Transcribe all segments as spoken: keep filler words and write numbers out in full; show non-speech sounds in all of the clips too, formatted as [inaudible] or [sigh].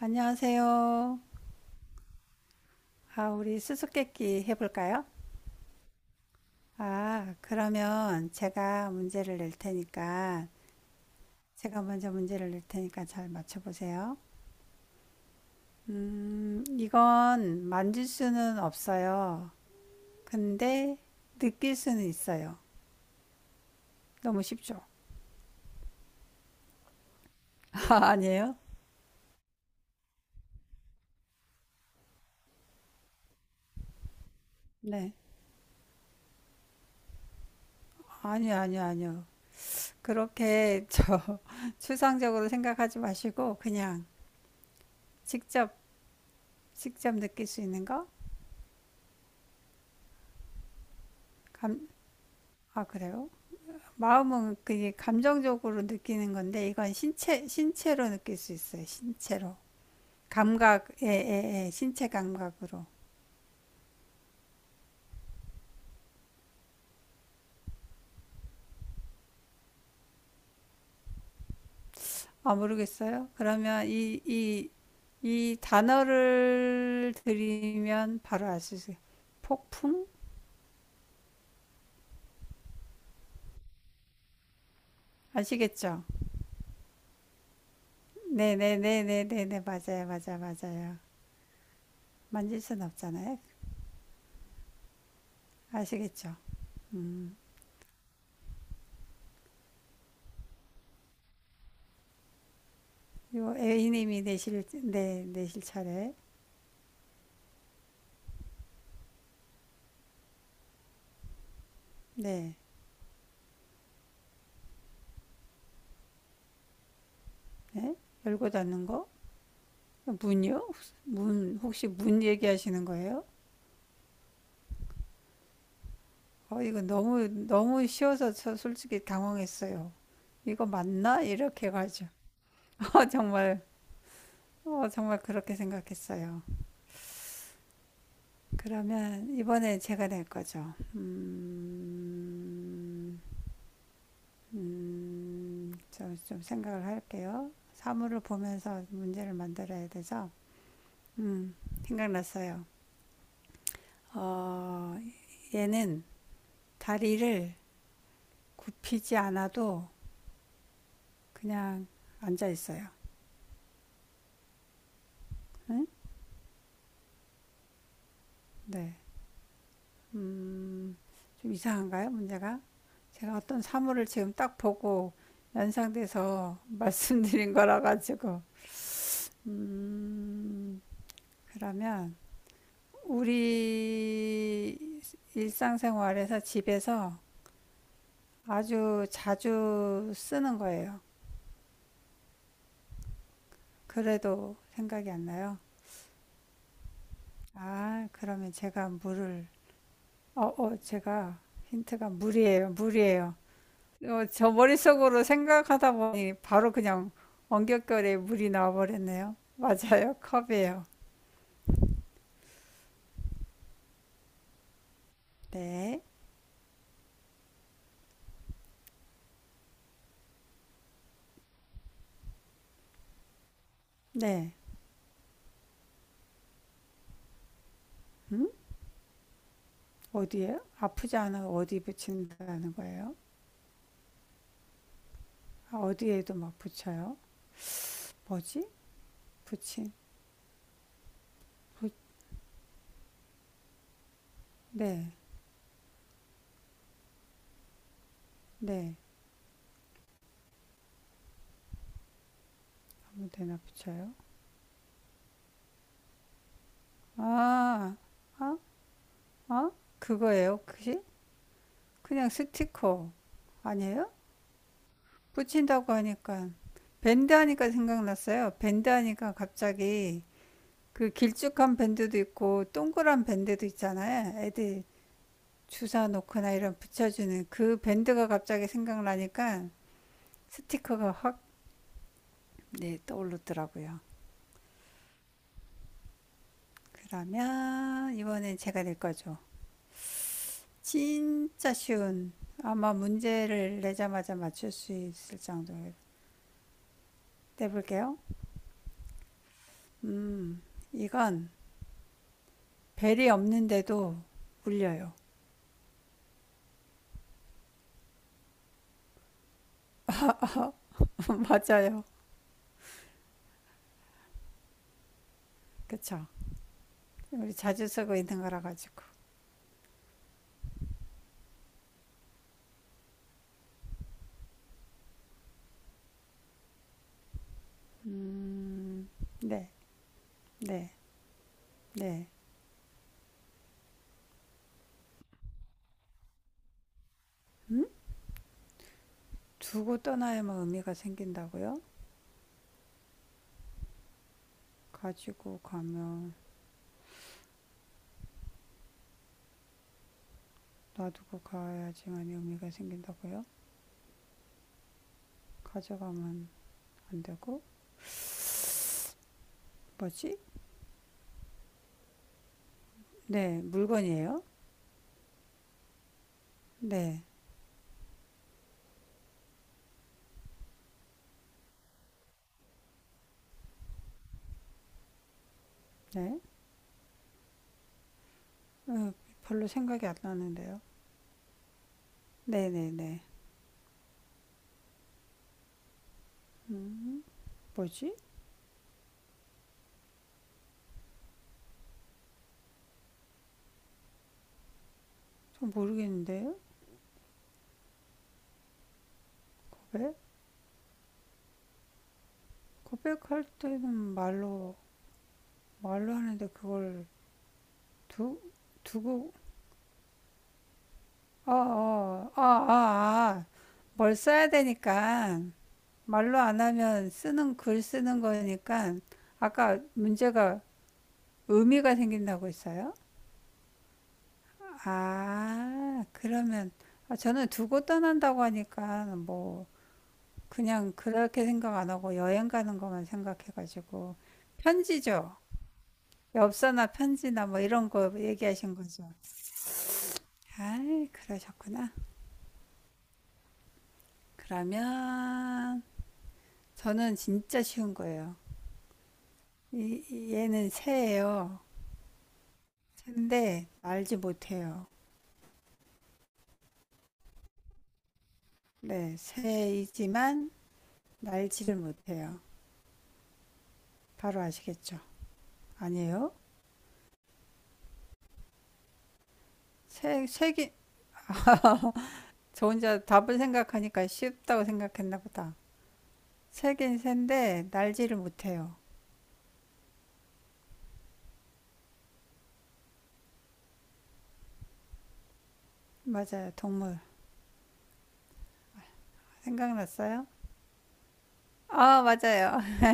안녕하세요. 아, 우리 수수께끼 해볼까요? 아, 그러면 제가 문제를 낼 테니까, 제가 먼저 문제를 낼 테니까 잘 맞춰보세요. 음, 이건 만질 수는 없어요. 근데 느낄 수는 있어요. 너무 쉽죠? [laughs] 아, 아니에요? 네. 아니요, 아니요, 아니요. 그렇게 저 [laughs] 추상적으로 생각하지 마시고, 그냥 직접, 직접 느낄 수 있는 거? 감, 아, 그래요? 마음은 그게 감정적으로 느끼는 건데 이건 신체 신체로 느낄 수 있어요. 신체로 감각 예 예 예, 신체 감각으로 아 모르겠어요. 그러면 이 이 이 단어를 드리면 바로 알 수 있어요. 폭풍 아시겠죠? 네네네네네네 맞아요 맞아 요 맞아요 만질 순 없잖아요. 아시겠죠? 음요 A님이 내실 네 내실 차례 네. 네? 열고 닫는 거 문요? 문 혹시 문 얘기하시는 거예요? 어, 이거 너무 너무 쉬워서 저 솔직히 당황했어요. 이거 맞나? 이렇게 가죠. [laughs] 어, 정말 어, 정말 그렇게 생각했어요. 그러면 이번에 제가 낼 거죠. 음, 음, 저 좀 생각을 할게요. 사물을 보면서 문제를 만들어야 되죠. 음, 생각났어요. 어, 얘는 다리를 굽히지 않아도 그냥 앉아 있어요. 응? 네. 음, 좀 이상한가요, 문제가? 제가 어떤 사물을 지금 딱 보고 연상돼서 [laughs] 말씀드린 거라 가지고. 음, 그러면 우리 일상생활에서 집에서 아주 자주 쓰는 거예요. 그래도 생각이 안 나요. 아, 그러면 제가 물을, 어, 어, 제가 힌트가 물이에요, 물이에요. 어, 저 머릿속으로 생각하다 보니 바로 그냥 원격결에 물이 나와버렸네요. 맞아요. 컵이에요. 네. 네. 음? 어디에요? 아프지 않아 어디 붙인다는 거예요? 아, 어디에도 막 붙여요? 뭐지? 붙인. 부... 네. 네. 아무 데나 붙여요. 아. 아? 아? 그거예요, 혹시? 그냥 스티커. 아니에요? 붙인다고 하니까 밴드 하니까 생각났어요. 밴드 하니까 갑자기 그 길쭉한 밴드도 있고 동그란 밴드도 있잖아요. 애들 주사 놓거나 이런 붙여주는 그 밴드가 갑자기 생각나니까 스티커가 확 네, 떠오르더라고요. 그러면 이번엔 제가 낼 거죠. 진짜 쉬운 아마 문제를 내자마자 맞출 수 있을 정도로 내볼게요. 음, 이건 벨이 없는데도 울려요. [laughs] 맞아요. 그쵸? 우리 자주 쓰고 있는 거라 가지고. 음, 네. 네, 네. 음? 두고 떠나야만 의미가 생긴다고요? 가지고 가면 놔두고 가야지만 의미가 생긴다고요? 가져가면 안 되고? 뭐지? 네, 물건이에요? 네, 네. 어, 별로 생각이 안 나는데요. 네, 네, 네. 음, 뭐지? 좀 모르겠는데요. 고백? 고백할 때는 말로 말로 하는데 그걸 두 두고 아, 아, 아, 아, 아. 뭘 써야 되니까 말로 안 하면 쓰는 글 쓰는 거니까 아까 문제가 의미가 생긴다고 했어요? 아, 그러면 아, 저는 두고 떠난다고 하니까 뭐 그냥 그렇게 생각 안 하고 여행 가는 것만 생각해가지고 편지죠. 엽서나 편지나 뭐 이런 거 얘기하신 거죠. 아, 그러셨구나. 그러면 저는 진짜 쉬운 거예요. 이- 얘는 새예요. 새인데 알지 못해요. 네, 새이지만 날지를 못해요. 바로 아시겠죠? 아니에요? 새, 새긴, [laughs] 저 혼자 답을 생각하니까 쉽다고 생각했나 보다. 새긴 새인데 날지를 못해요. 맞아요, 동물. 생각났어요? 아, 맞아요. [laughs]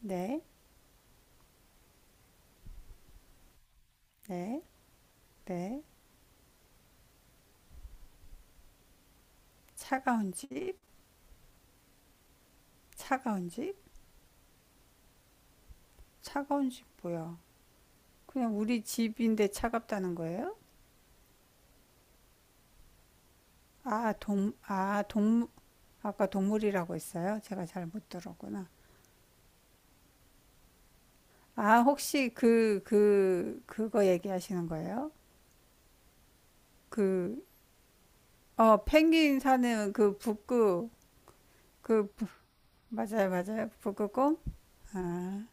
네, 네, 네. 차가운 집, 차가운 집, 차가운 집 뭐야? 그냥 우리 집인데 차갑다는 거예요? 아, 동, 아, 동, 아까 동물이라고 했어요? 제가 잘 못 들었구나. 아, 혹시 그, 그, 그거 얘기하시는 거예요? 그, 어, 펭귄 사는 그 북극, 그, 부- 맞아요, 맞아요. 북극곰? 아,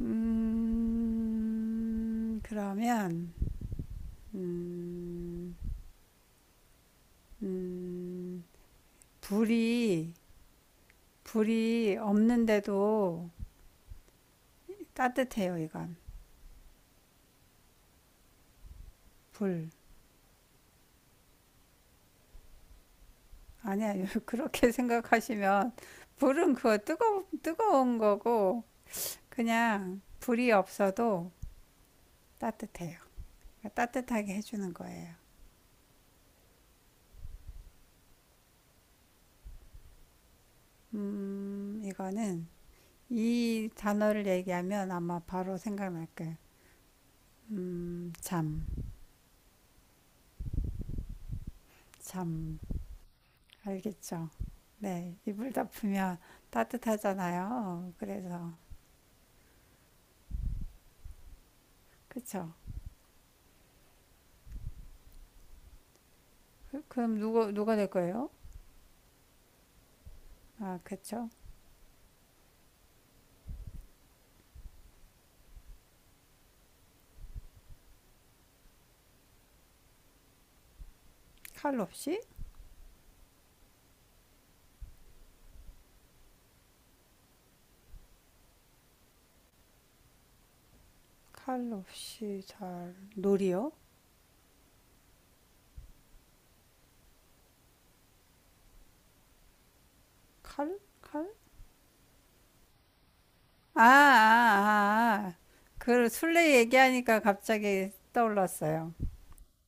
음, 그러면, 음, 음, 불이, 불이 없는데도 따뜻해요, 이건. 불. 아니야, [laughs] 그렇게 생각하시면, 불은 그거 뜨거, 뜨거운 거고, 그냥 불이 없어도, 따뜻해요. 그러니까 따뜻하게 해주는 거예요. 음, 이거는 이 단어를 얘기하면 아마 바로 생각날 거예요. 음, 잠, 잠. 알겠죠? 네, 이불 덮으면 따뜻하잖아요. 그래서 그쵸? 그- 그럼 누가 누가 될 거예요? 아, 그쵸? 칼 없이? 칼 없이 잘 놀이요? 칼? 칼? 아, 아, 아, 아. 그 술래 얘기하니까 갑자기 떠올랐어요.